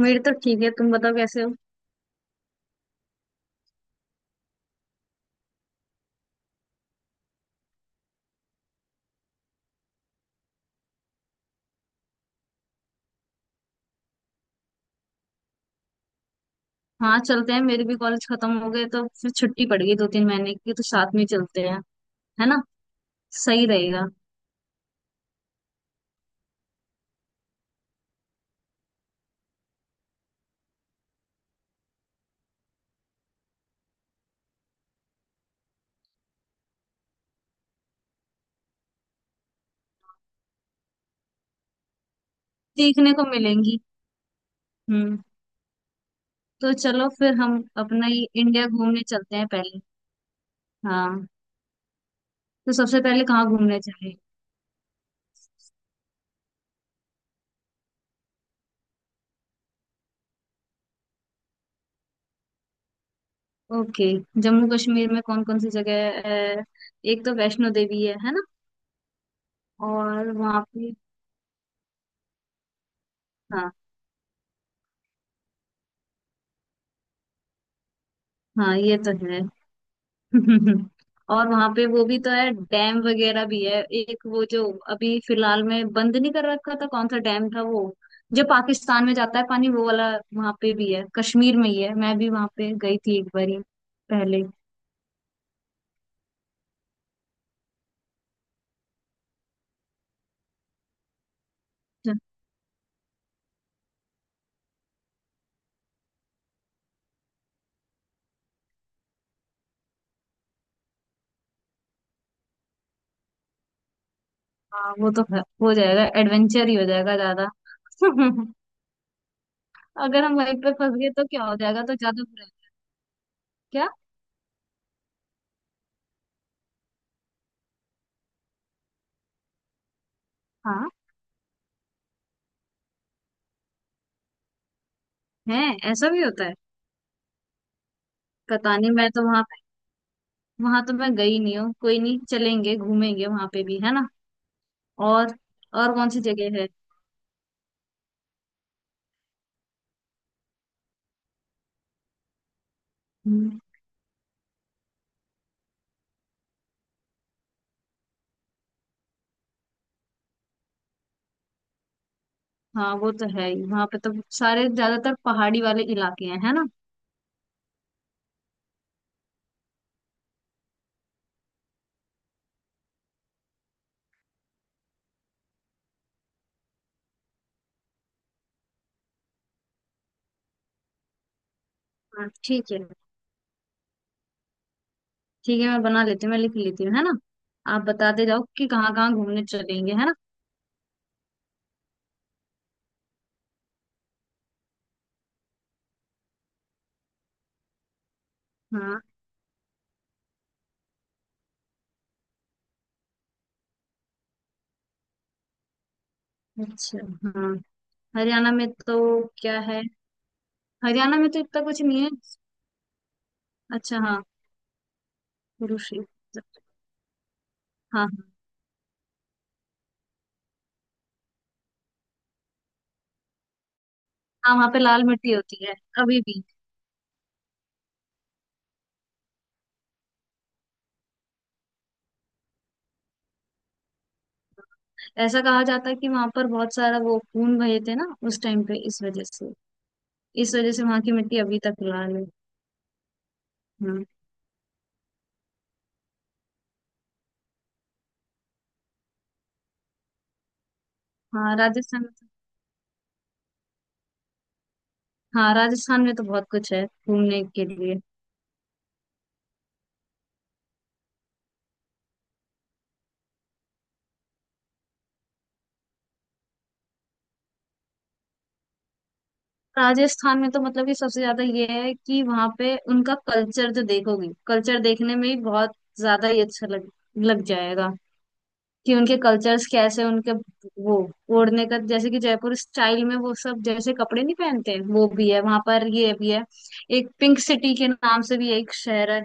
मेरी तो ठीक है। तुम बताओ कैसे हो? हाँ, चलते हैं। मेरे भी कॉलेज खत्म हो गए तो फिर छुट्टी पड़ गई दो तीन महीने की, तो साथ में ही चलते हैं। है ना। सही रहेगा। सीखने को मिलेंगी। हम्म। तो चलो, फिर हम अपना ही इंडिया घूमने चलते हैं पहले। हाँ। तो सबसे पहले कहाँ घूमने चले? ओके। जम्मू कश्मीर में कौन कौन सी जगह है? एक तो वैष्णो देवी है ना? और वहाँ पे। हाँ। हाँ, ये तो है। और वहां पे वो भी तो है, डैम वगैरह भी है। एक वो जो अभी फिलहाल में बंद नहीं कर रखा था, कौन सा डैम था वो, जो पाकिस्तान में जाता है पानी, वो वाला। वहां पे भी है, कश्मीर में ही है। मैं भी वहां पे गई थी एक बारी पहले। हाँ, वो तो है, हो जाएगा। एडवेंचर ही हो जाएगा ज्यादा। अगर हम वहीं पे फंस गए तो क्या हो जाएगा, तो ज्यादा बुरा है। क्या? हाँ। है। ऐसा भी होता है। पता नहीं, मैं तो वहां, वहां तो मैं गई नहीं हूँ। कोई नहीं, चलेंगे घूमेंगे वहां पे भी, है ना। और। और कौन सी जगह है? हम्म, हाँ, वो तो है ही, वहाँ पे तो सारे ज्यादातर पहाड़ी वाले इलाके हैं, है ना? हाँ, ठीक है। ठीक है, मैं बना लेती हूँ, मैं लिख लेती हूँ, है ना। आप बताते जाओ कि कहाँ कहाँ घूमने चलेंगे, है ना। हाँ। अच्छा, हाँ। हरियाणा में तो क्या है? हरियाणा में तो इतना कुछ नहीं है। अच्छा, हाँ। कुरुक्षेत्र। हाँ, हाँ। हाँ, वहाँ पे लाल मिट्टी होती है, अभी भी। ऐसा कहा जाता है कि वहां पर बहुत सारा वो खून बहे थे ना उस टाइम पे, इस वजह से वहां की मिट्टी अभी तक लाल है। हाँ। हाँ, राजस्थान। हाँ, राजस्थान में तो बहुत कुछ है घूमने के लिए। राजस्थान में तो मतलब कि सबसे ज्यादा ये है कि वहाँ पे उनका कल्चर, जो देखोगी कल्चर देखने में ही बहुत ज्यादा ही अच्छा लग लग जाएगा। कि उनके कल्चर्स कैसे, उनके वो ओढ़ने का जैसे कि, जयपुर स्टाइल में वो सब जैसे कपड़े नहीं पहनते, वो भी है वहां पर, ये भी है। एक पिंक सिटी के नाम से भी एक शहर है।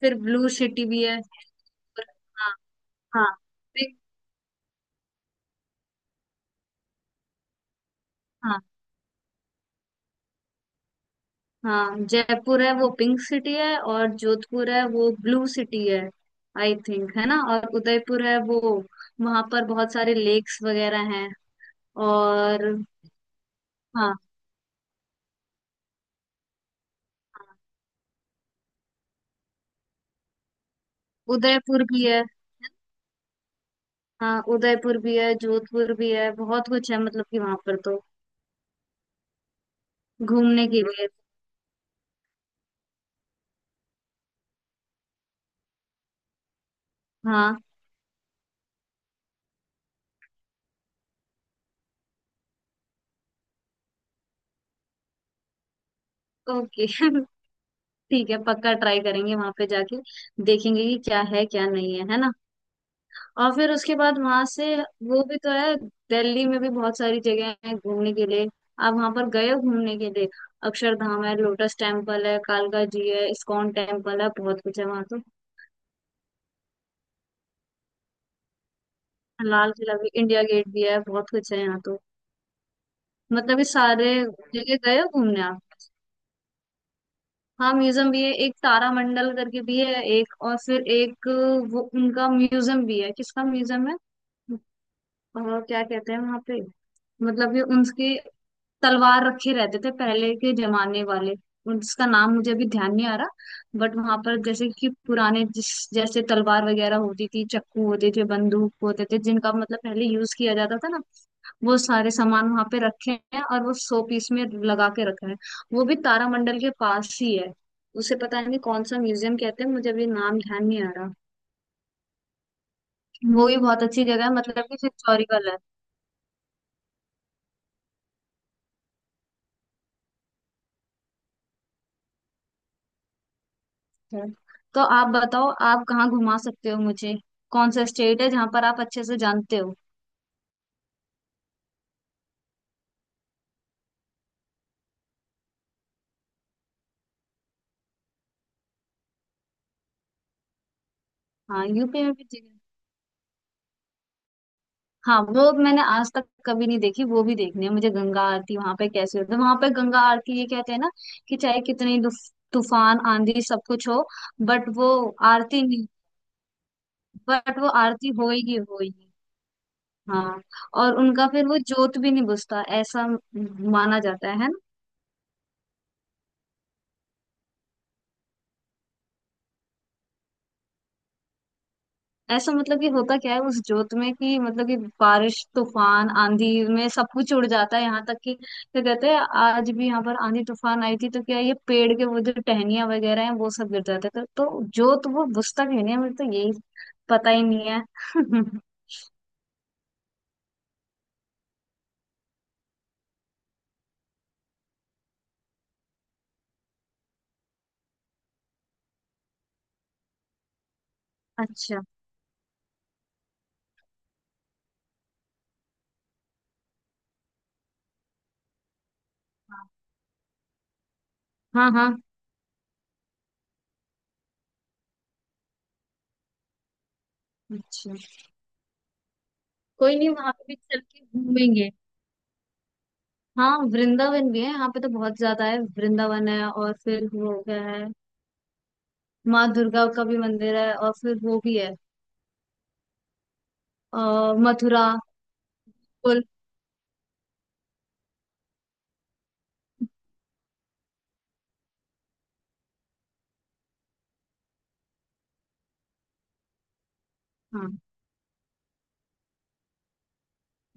फिर ब्लू सिटी भी है। हाँ, हाँ। pink- हाँ, हाँ, जयपुर है वो पिंक सिटी है, और जोधपुर है वो ब्लू सिटी है। आई थिंक, है ना। और उदयपुर है वो, वहां पर बहुत सारे लेक्स वगैरह हैं। और। हाँ, उदयपुर भी है। हाँ, उदयपुर भी है, जोधपुर भी है, बहुत कुछ है मतलब कि वहां पर तो घूमने के लिए। हाँ। ओके, ठीक है, पक्का ट्राई करेंगे वहां पे जाके, देखेंगे कि क्या है क्या नहीं है, है ना। और फिर उसके बाद वहां से वो भी तो है। दिल्ली में भी बहुत सारी जगह है घूमने के लिए। आप वहां पर गए हो घूमने के लिए? अक्षरधाम है, लोटस टेम्पल है, कालका जी है, इस्कॉन टेम्पल है, बहुत कुछ है वहां तो। लाल किला भी, इंडिया गेट भी है, बहुत कुछ है यहाँ तो। मतलब ये सारे जगह गए हो घूमने आप? हाँ, म्यूजियम भी है एक, तारामंडल करके भी है एक, और फिर एक। वो उनका म्यूजियम भी है, किसका म्यूजियम है? और क्या कहते हैं वहां पे? मतलब ये उनकी, तलवार रखे रहते थे पहले के जमाने वाले, उसका नाम मुझे अभी ध्यान नहीं आ रहा। बट वहां पर जैसे कि पुराने जिस जैसे तलवार वगैरह होती थी, चक्कू होते थे, बंदूक होते थे, जिनका मतलब पहले यूज किया जाता था ना। वो सारे सामान वहां पे रखे हैं, और वो 100 पीस में लगा के रखा है। वो भी तारामंडल के पास ही है। उसे पता नहीं कौन सा म्यूजियम कहते हैं, मुझे अभी नाम ध्यान नहीं आ रहा। वो भी बहुत अच्छी जगह है, मतलब कि हिस्टोरिकल है। है। तो आप बताओ, आप कहाँ घुमा सकते हो मुझे? कौन सा स्टेट है जहाँ पर आप अच्छे से जानते हो? हाँ, यूपी में भी जगह। हाँ, वो मैंने आज तक कभी नहीं देखी, वो भी देखनी है मुझे, गंगा आरती वहां पे कैसे होती है। वहां पे गंगा आरती, ये कहते हैं ना कि चाहे कितनी तूफान आंधी सब कुछ हो। बट वो आरती नहीं। बट वो आरती होएगी, होएगी। हाँ। और उनका फिर वो जोत भी नहीं बुझता, ऐसा माना जाता है। ऐसा मतलब कि होता क्या है उस जोत में कि, मतलब कि बारिश तूफान आंधी में सब कुछ उड़ जाता है, यहाँ तक कि क्या कहते हैं, आज भी यहाँ पर आंधी तूफान आई थी तो क्या है, ये पेड़ के वो जो टहनियां वगैरह हैं वो सब गिर जाते हैं, तो जोत वो बुझता कहीं नहीं है, मुझे तो यही पता ही नहीं है। अच्छा। हाँ, हाँ। अच्छा। कोई नहीं, वहां पे भी चल के घूमेंगे। हाँ, वृंदावन भी है, यहाँ पे तो बहुत ज्यादा है, वृंदावन है, और फिर वो क्या है, माँ दुर्गा का भी मंदिर है, और फिर वो भी है। अ, मथुरा। बिल्कुल। हाँ,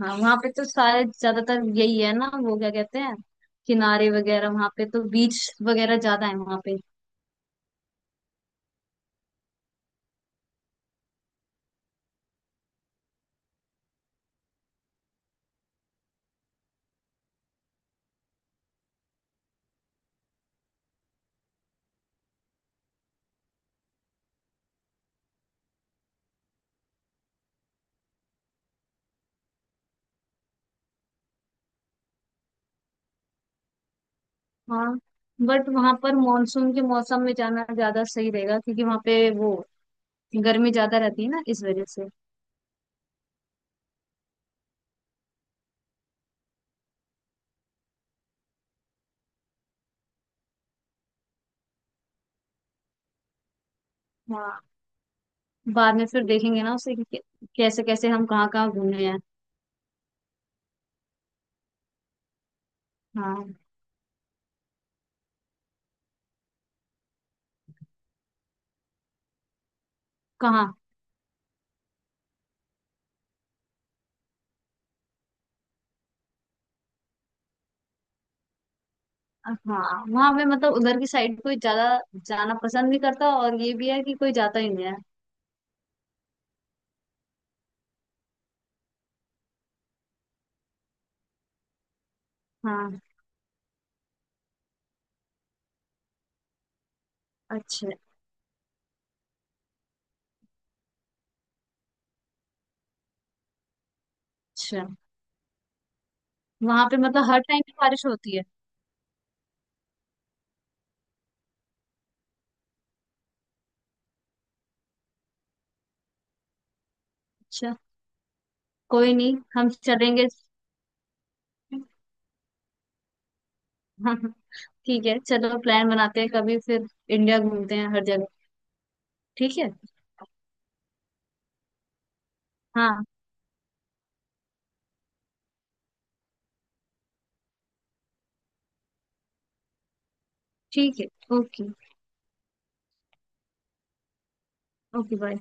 हाँ, वहां पे तो सारे ज्यादातर यही है ना, वो क्या कहते हैं, किनारे वगैरह, वहां पे तो बीच वगैरह ज्यादा है वहां पे। हाँ। बट वहां पर मानसून के मौसम में जाना ज्यादा सही रहेगा, क्योंकि वहां पे वो गर्मी ज्यादा रहती है ना, इस वजह से। हाँ। बाद में फिर देखेंगे ना उसे कि कैसे कैसे हम कहाँ कहाँ घूमे हैं। हाँ। कहाँ? हाँ, वहां पे मतलब उधर की साइड कोई ज्यादा जाना पसंद नहीं करता, और ये भी है कि कोई जाता ही नहीं है। हाँ। अच्छा। अच्छा, वहां पे मतलब हर टाइम पे बारिश होती है? अच्छा, कोई नहीं, हम चलेंगे। हाँ, हाँ, ठीक है, चलो प्लान बनाते हैं कभी, फिर इंडिया घूमते हैं हर जगह। ठीक है। हाँ, ठीक है। ओके। Okay, bye.